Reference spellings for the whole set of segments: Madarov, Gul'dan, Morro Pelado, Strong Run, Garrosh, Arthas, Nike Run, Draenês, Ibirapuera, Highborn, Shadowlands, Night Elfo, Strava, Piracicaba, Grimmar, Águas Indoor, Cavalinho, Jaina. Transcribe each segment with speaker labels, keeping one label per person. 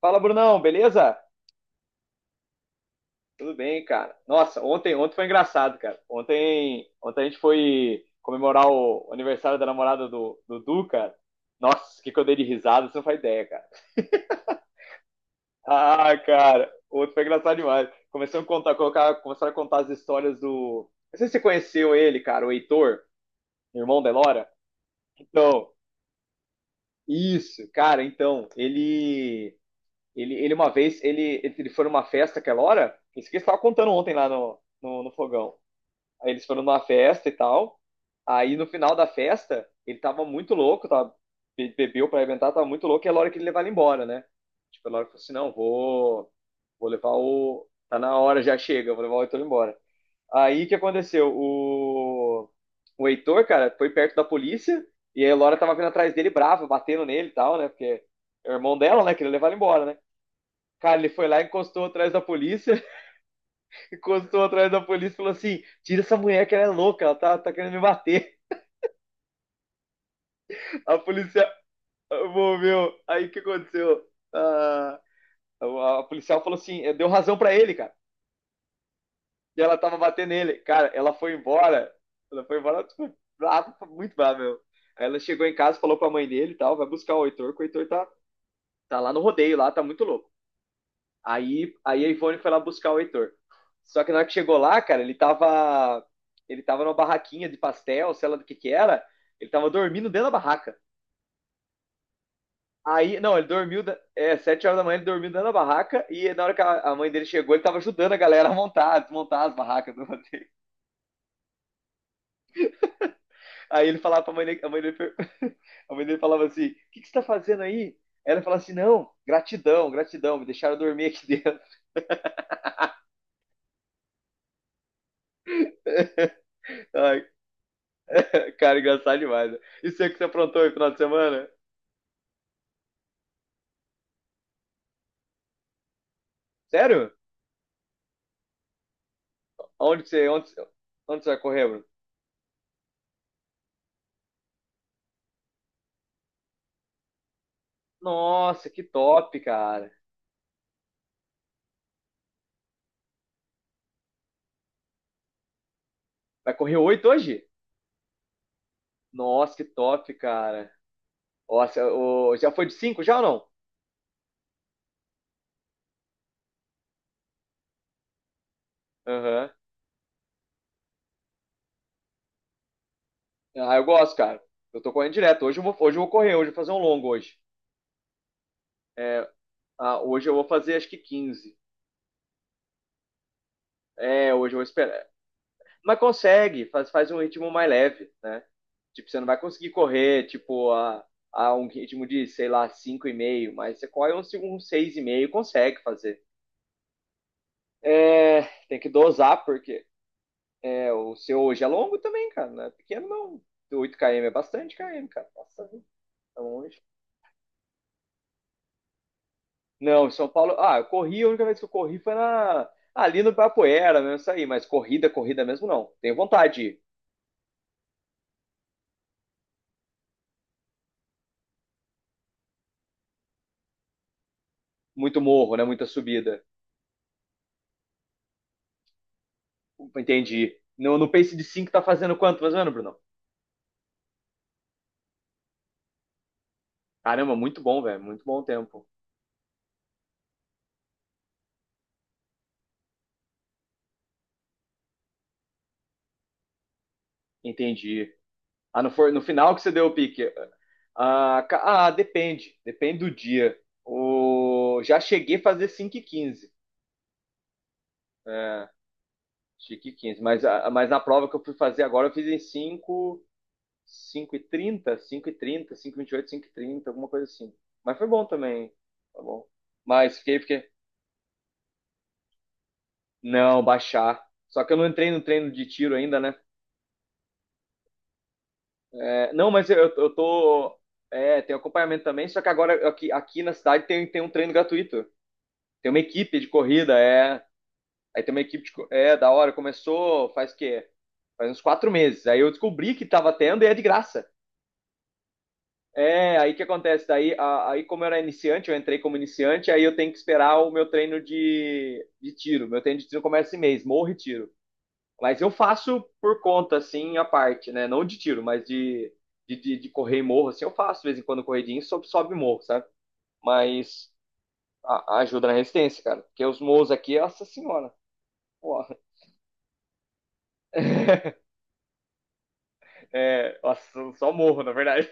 Speaker 1: Fala, Brunão, beleza? Tudo bem, cara. Nossa, ontem foi engraçado, cara. Ontem a gente foi comemorar o aniversário da namorada do Dudu, cara. Nossa, o que que eu dei de risada, você não faz ideia, cara. Ah, cara, ontem foi engraçado demais. Começaram a contar, colocar, começaram a contar as histórias do. Não sei se você conheceu ele, cara, o Heitor, irmão da Elora. Então, isso, cara, então, ele. Ele uma vez, ele foi numa festa aquela hora, isso que eles estavam contando ontem lá no fogão. Aí eles foram numa festa e tal. Aí no final da festa, ele tava muito louco, tava, bebeu pra inventar, tava muito louco, e era a hora que ele levar ele embora, né? Tipo, a hora que falou assim: não, vou, vou levar o. Tá na hora, já chega, vou levar o Heitor embora. Aí o que aconteceu? O Heitor, cara, foi perto da polícia e a Elora tava vindo atrás dele brava, batendo nele e tal, né? Porque é o irmão dela, né? Queria levar ele embora, né? Cara, ele foi lá, encostou atrás da polícia encostou atrás da polícia e falou assim: tira essa mulher que ela é louca, ela tá, tá querendo me bater. A polícia moveu. Aí o que aconteceu? Ah, a policial falou assim: deu razão pra ele, cara. E ela tava batendo nele. Cara, ela foi embora. Ela foi embora, tipo, brava, muito brava, meu. Aí ela chegou em casa, falou pra mãe dele e tal, vai buscar o Heitor, que o Heitor tá, tá lá no rodeio, lá, tá muito louco. Aí a Ivone foi lá buscar o Heitor. Só que na hora que chegou lá, cara, ele tava. Ele tava numa barraquinha de pastel, sei lá do que era. Ele tava dormindo dentro da barraca. Aí, não, ele dormiu. É, 7 horas da manhã ele dormiu dentro da barraca. E na hora que a mãe dele chegou, ele tava ajudando a galera a montar, a desmontar as barracas do rodeio. Aí ele falava pra mãe dele. A mãe dele, a mãe dele falava assim: O que, que você tá fazendo aí? Ela falava assim: Não, gratidão, gratidão, me deixaram dormir aqui dentro. Ai, cara, engraçado demais. Né? E você que você aprontou aí no final de semana? Sério? Onde que você, onde, onde você vai correr, Bruno? Nossa, que top, cara. Vai correr 8 hoje? Nossa, que top, cara. Nossa, ô, já foi de cinco já ou não? Aham. Ah, eu gosto, cara. Eu tô correndo direto. Hoje eu vou correr, hoje eu vou fazer um longo hoje. É, hoje eu vou fazer acho que 15. É, hoje eu vou esperar. Mas consegue, faz, faz um ritmo mais leve, né? Tipo, você não vai conseguir correr, tipo, a um ritmo de, sei lá, cinco e meio, mas você corre um, um seis e meio consegue fazer. É, tem que dosar, porque é, o seu hoje é longo também, cara. Não é pequeno, não. 8 km é bastante km, cara. Nossa, é longe. Não, em São Paulo. Ah, eu corri, a única vez que eu corri foi na, ali no Ibirapuera, mesmo isso aí. Mas corrida, corrida mesmo, não. Tenho vontade de ir. Muito morro, né? Muita subida. Entendi. No pace de 5 tá fazendo quanto, mais ou menos, Bruno? Caramba, muito bom, velho. Muito bom tempo. Entendi. Ah, não foi no final que você deu o pique. Depende. Depende do dia. Já cheguei a fazer 5:15, é, 5 e quinze. Mas, mas na prova que eu fui fazer agora, eu fiz em 5, 5:30, 5:30, 5:28, 5:30, alguma coisa assim. Mas foi bom também. Tá bom. Mas fiquei, fiquei. Não, baixar. Só que eu não entrei no treino de tiro ainda, né? É, não, mas eu tô. É, tem acompanhamento também, só que agora aqui, aqui na cidade tem, tem um treino gratuito. Tem uma equipe de corrida, é. Aí tem uma equipe de. É, da hora. Começou faz o quê? Faz uns 4 meses. Aí eu descobri que tava tendo e é de graça. É, aí que acontece? Aí como eu era iniciante, eu entrei como iniciante, aí eu tenho que esperar o meu treino de tiro. Meu treino de tiro começa esse mês, morro e tiro. Mas eu faço por conta, assim, a parte, né? Não de tiro, mas de correr e morro, assim, eu faço de vez em quando corridinho, sobe, sobe e morro, sabe? Mas ajuda na resistência, cara. Porque os morros aqui, nossa senhora. Pô, é, nossa, só morro, na verdade.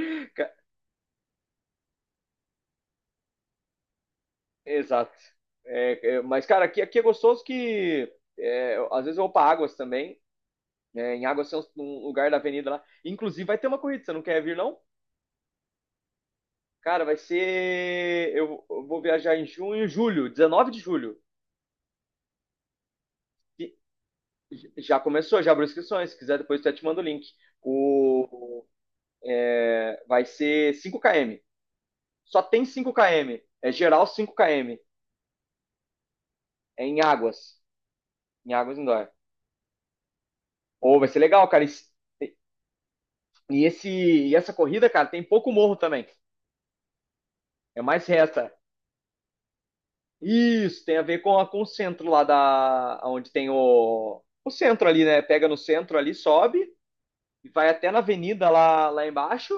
Speaker 1: Ca- Exato. Mas, cara, aqui, aqui é gostoso que é, às vezes eu vou pra Águas também. Né? Em Águas tem um, um lugar da avenida lá. Inclusive, vai ter uma corrida, você não quer vir, não? Cara, vai ser. Eu vou viajar em junho, julho, 19 de julho. E já começou, já abriu inscrições. Se quiser, depois eu te mando o link. O, é, vai ser 5 km. Só tem 5 km. É geral 5 km. É em Águas. Em Águas Indoor. Ou vai ser legal, cara. E esse, e essa corrida, cara, tem pouco morro também. É mais reta. Isso, tem a ver com, a, com o centro lá da... Onde tem o... O centro ali, né? Pega no centro ali, sobe. E vai até na avenida lá, lá embaixo.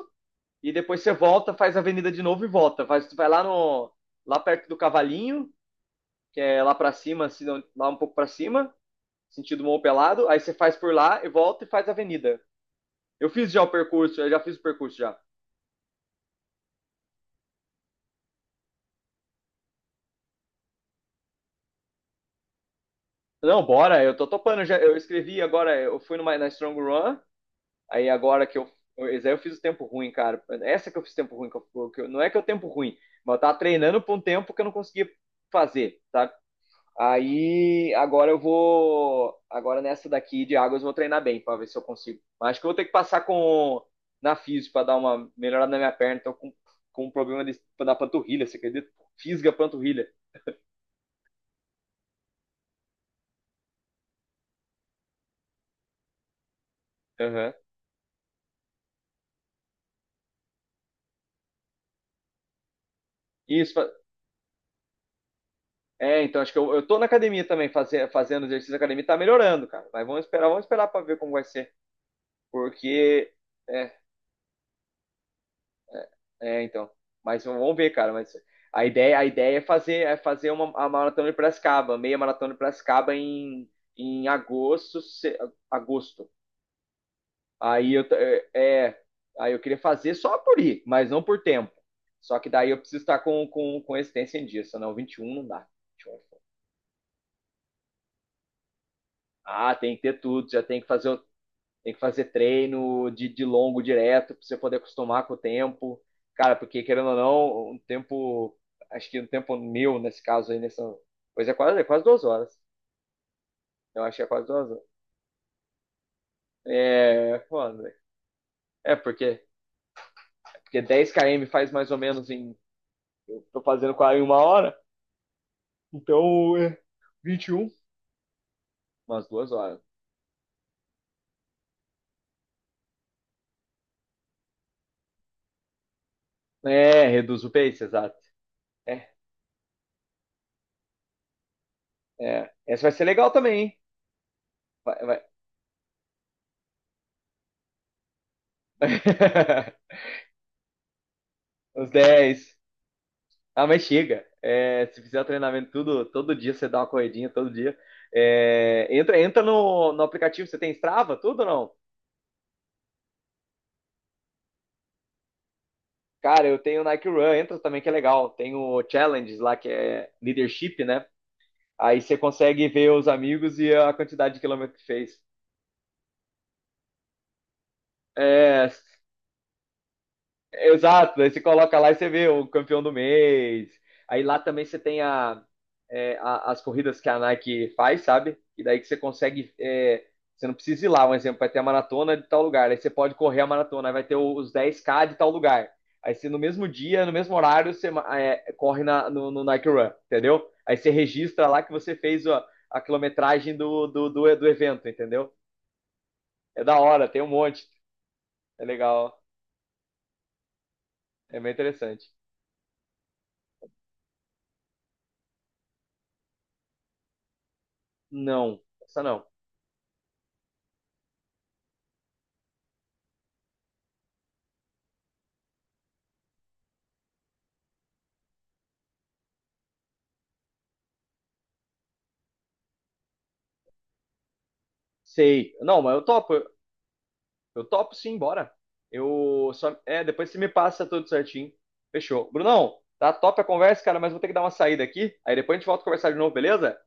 Speaker 1: E depois você volta, faz a avenida de novo e volta. Faz, vai lá no... Lá perto do Cavalinho, que é lá pra cima, assim, lá um pouco pra cima. Sentido Morro Pelado. Aí você faz por lá e volta e faz a avenida. Eu fiz já o percurso, eu já fiz o percurso já. Não, bora, eu tô topando já. Eu escrevi agora, eu fui numa, na Strong Run, aí agora que eu. Esse aí eu fiz o tempo ruim, cara. Essa que eu fiz tempo ruim, não é que eu tempo ruim, mas eu tava treinando por um tempo que eu não conseguia fazer, sabe? Aí agora eu vou. Agora nessa daqui de águas eu vou treinar bem pra ver se eu consigo. Mas acho que eu vou ter que passar com na física pra dar uma melhorada na minha perna. Tô com um problema de, da panturrilha, você acredita? Fisga a panturrilha. Aham. Isso, é, então acho que eu tô na academia também, fazendo exercício na academia, tá melhorando, cara. Mas vamos esperar pra ver como vai ser. Porque, é, então. Mas vamos ver, cara. Mas a ideia é fazer uma, a maratona de Piracicaba, meia maratona de Piracicaba em agosto, agosto. Aí eu, t- é, é, aí eu queria fazer só por ir, mas não por tempo. Só que daí eu preciso estar com a existência em dia, senão 21 não dá. 21 é foda. Ah, tem que ter tudo, já tem que fazer. Tem que fazer treino de longo direto para você poder acostumar com o tempo. Cara, porque querendo ou não, um tempo, acho que um tempo meu nesse caso aí, nessa, pois é quase 2 horas. Eu acho que é quase 2 horas. É, foda, velho. É porque, porque 10 km faz mais ou menos em, tô fazendo quase uma hora, então é 21 umas 2 horas. É, reduz o pace, exato. É, é. Essa vai ser legal também, hein? Vai, vai. Os dez. Ah, mas chega. É, se fizer o treinamento tudo, todo dia, você dá uma corridinha todo dia. É, entra no aplicativo, você tem Strava, tudo ou não? Cara, eu tenho Nike Run, entra também que é legal. Tem o Challenges lá, que é leadership, né? Aí você consegue ver os amigos e a quantidade de quilômetro que fez. É, exato, aí você coloca lá e você vê o campeão do mês. Aí lá também você tem a, as corridas que a Nike faz, sabe? E daí que você consegue. É, você não precisa ir lá, um exemplo, vai ter a maratona de tal lugar. Aí você pode correr a maratona, aí vai ter os 10k de tal lugar. Aí você no mesmo dia, no mesmo horário, você corre no Nike Run, entendeu? Aí você registra lá que você fez a quilometragem do evento, entendeu? É da hora, tem um monte. É legal, é bem interessante. Não, essa não. Sei. Não, mas eu topo. Eu topo sim, bora. Eu só. É, depois você me passa tudo certinho. Fechou. Brunão, tá top a conversa, cara, mas vou ter que dar uma saída aqui. Aí depois a gente volta a conversar de novo, beleza?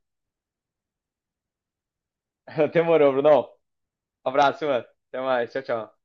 Speaker 1: Demorou, Brunão. Um abraço, mano. Até mais. Tchau, tchau.